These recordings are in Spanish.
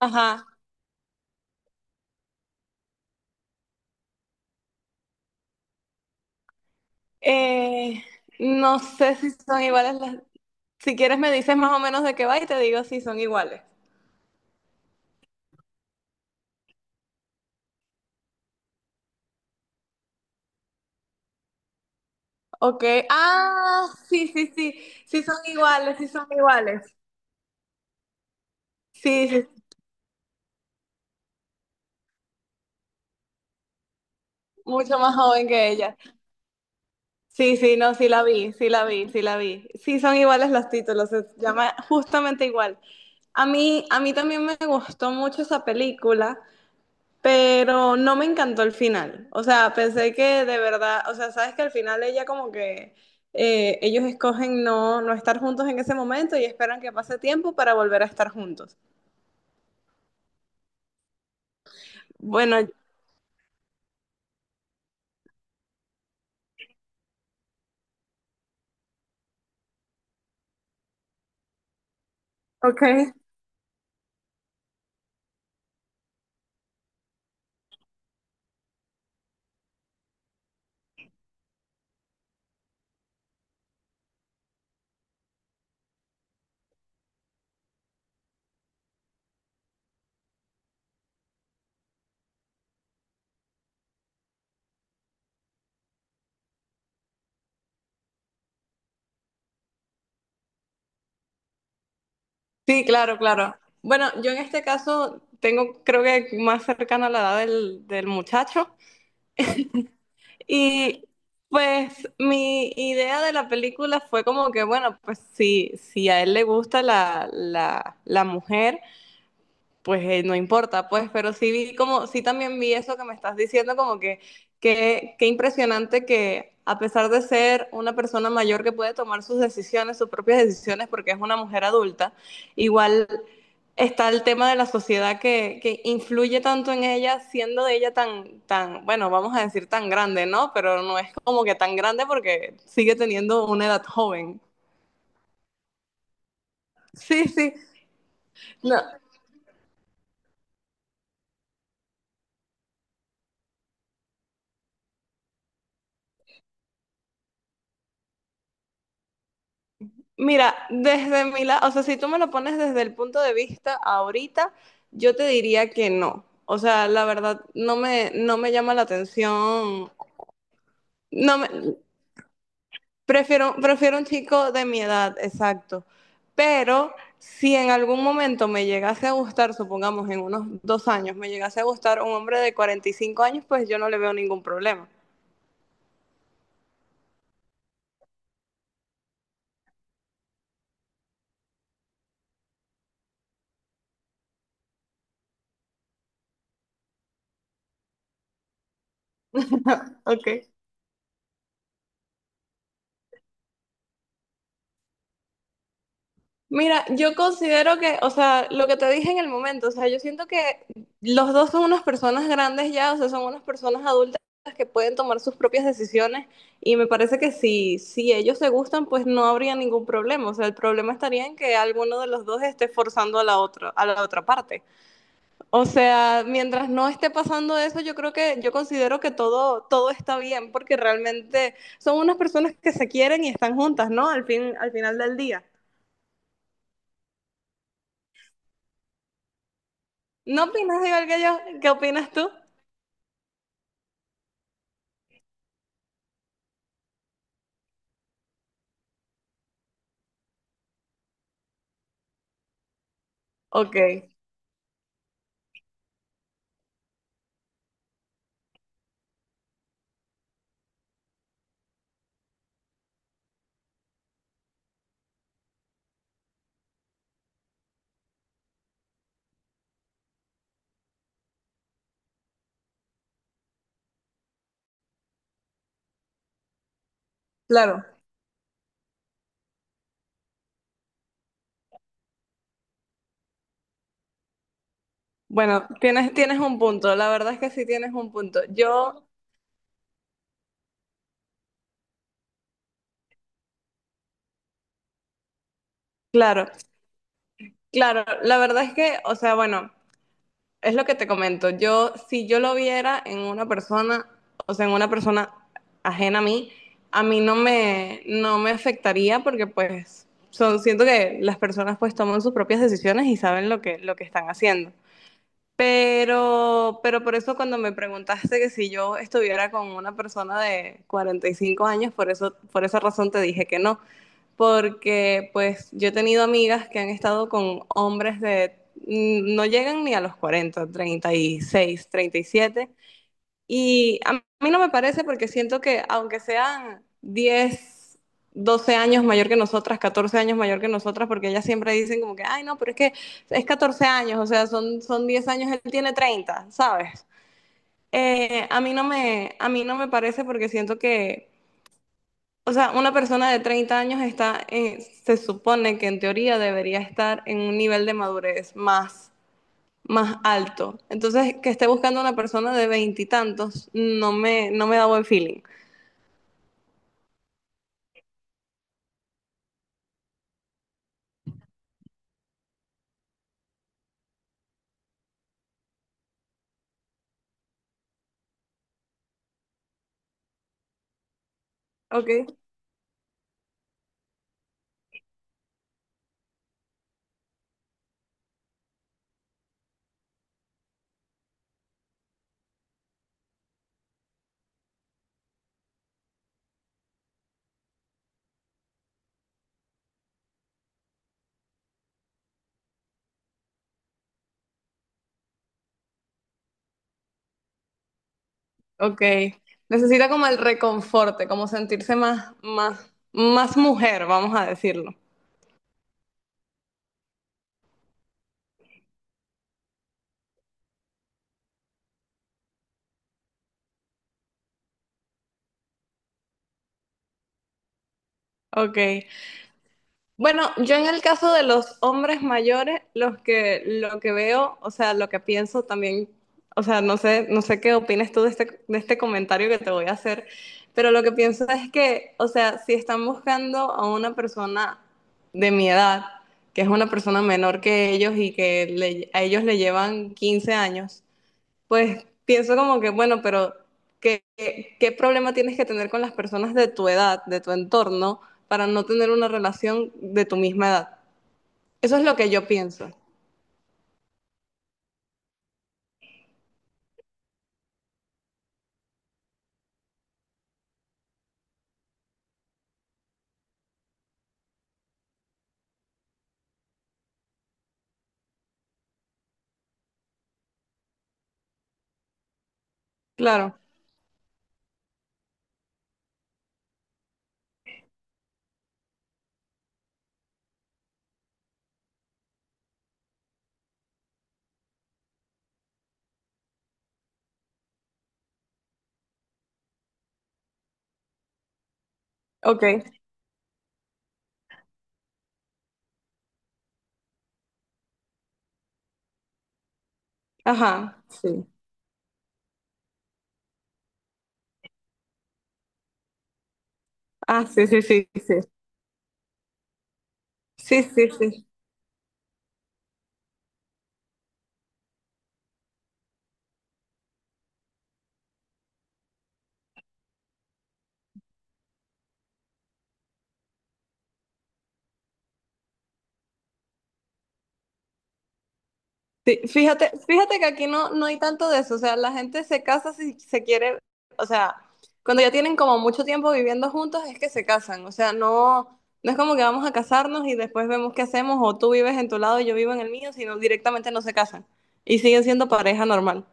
Ajá. Eh, no sé si son iguales las... Si quieres me dices más o menos de qué va y te digo si son iguales. Ok. Ah, sí, sí, sí. Sí son iguales, sí son iguales. Sí, sí. Mucho más joven que ella. Sí, sí, no, sí la vi, sí la vi, sí la vi. Sí son iguales los títulos, se llama justamente igual. A mí también me gustó mucho esa película. Pero no me encantó el final. O sea, pensé que de verdad, o sea, sabes que al final ella como que ellos escogen no, no estar juntos en ese momento y esperan que pase tiempo para volver a estar juntos. Bueno, ok. Sí, claro, claro. Bueno, yo en este caso tengo, creo que más cercana a la edad del, del muchacho. Y pues mi idea de la película fue como que, bueno, pues si, si a él le gusta la, la, la mujer pues no importa, pues, pero sí vi como, sí también vi eso que me estás diciendo, como que, qué impresionante que a pesar de ser una persona mayor que puede tomar sus decisiones, sus propias decisiones, porque es una mujer adulta, igual está el tema de la sociedad que influye tanto en ella, siendo de ella tan, tan, bueno, vamos a decir tan grande, ¿no? Pero no es como que tan grande porque sigue teniendo una edad joven. Sí, sí. No, mira, desde mi lado, o sea, si tú me lo pones desde el punto de vista ahorita, yo te diría que no. O sea, la verdad, no me, no me llama la atención. No me, prefiero, prefiero un chico de mi edad, exacto. Pero si en algún momento me llegase a gustar, supongamos en unos dos años, me llegase a gustar un hombre de 45 años, pues yo no le veo ningún problema. Ok. Mira, yo considero que, o sea, lo que te dije en el momento, o sea, yo siento que los dos son unas personas grandes ya, o sea, son unas personas adultas que pueden tomar sus propias decisiones y me parece que si, si ellos se gustan, pues no habría ningún problema, o sea, el problema estaría en que alguno de los dos esté forzando a la otra parte. O sea, mientras no esté pasando eso, yo creo que, yo considero que todo, todo está bien porque realmente son unas personas que se quieren y están juntas, ¿no? Al fin, al final del día. ¿No opinas igual que yo? ¿Qué opinas tú? Ok, claro. Bueno, tienes, tienes un punto, la verdad es que sí tienes un punto. Yo, claro, claro, la verdad es que, o sea, bueno, es lo que te comento. Yo, si yo lo viera en una persona, o sea, en una persona ajena a mí no me, no me afectaría porque pues son, siento que las personas pues toman sus propias decisiones y saben lo que están haciendo. Pero por eso cuando me preguntaste que si yo estuviera con una persona de 45 años, por eso, por esa razón te dije que no, porque pues yo he tenido amigas que han estado con hombres de, no llegan ni a los 40 36 37 y a mí no me parece porque siento que aunque sean 10, 12 años mayor que nosotras, 14 años mayor que nosotras, porque ellas siempre dicen como que, ay, no, pero es que es 14 años, o sea, son, son 10 años, él tiene 30, ¿sabes? A mí no me, a mí no me parece porque siento que, o sea, una persona de 30 años está, en- se supone que en teoría debería estar en un nivel de madurez más más alto. Entonces, que esté buscando una persona de veintitantos, no me, no me da buen feeling. Ok, ok. Necesita como el reconforte, como sentirse más, más, más mujer, vamos a decirlo. Ok. Bueno, yo en el caso de los hombres mayores, los que lo que veo, o sea, lo que pienso también, o sea, no sé, no sé qué opinas tú de este comentario que te voy a hacer, pero lo que pienso es que, o sea, si están buscando a una persona de mi edad, que es una persona menor que ellos y que le- a ellos le llevan 15 años, pues pienso como que, bueno, pero ¿qué, qué, qué problema tienes que tener con las personas de tu edad, de tu entorno, para no tener una relación de tu misma edad? Eso es lo que yo pienso. Claro. Ok. Ajá. Sí. Ah, sí, sí, sí, sí. Sí, sí, sí. Sí, fíjate, fíjate que aquí no, no hay tanto de eso, o sea, la gente se casa si se quiere, o sea, cuando ya tienen como mucho tiempo viviendo juntos es que se casan, o sea, no, no es como que vamos a casarnos y después vemos qué hacemos, o tú vives en tu lado y yo vivo en el mío, sino directamente no se casan y siguen siendo pareja normal.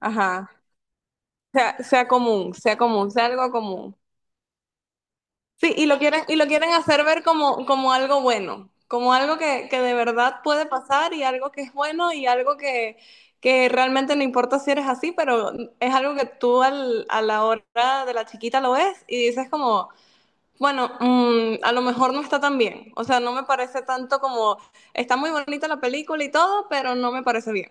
Ajá, sea, sea común, sea común, sea algo común. Sí, y lo quieren hacer ver como, como algo bueno, como algo que de verdad puede pasar y algo que es bueno y algo que realmente no importa si eres así, pero es algo que tú al- a la hora de la chiquita lo ves y dices como, bueno, a lo mejor no está tan bien. O sea, no me parece tanto como, está muy bonita la película y todo, pero no me parece bien.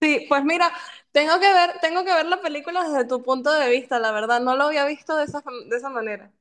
Sí, pues mira, tengo que ver la película desde tu punto de vista, la verdad, no lo había visto de esa manera.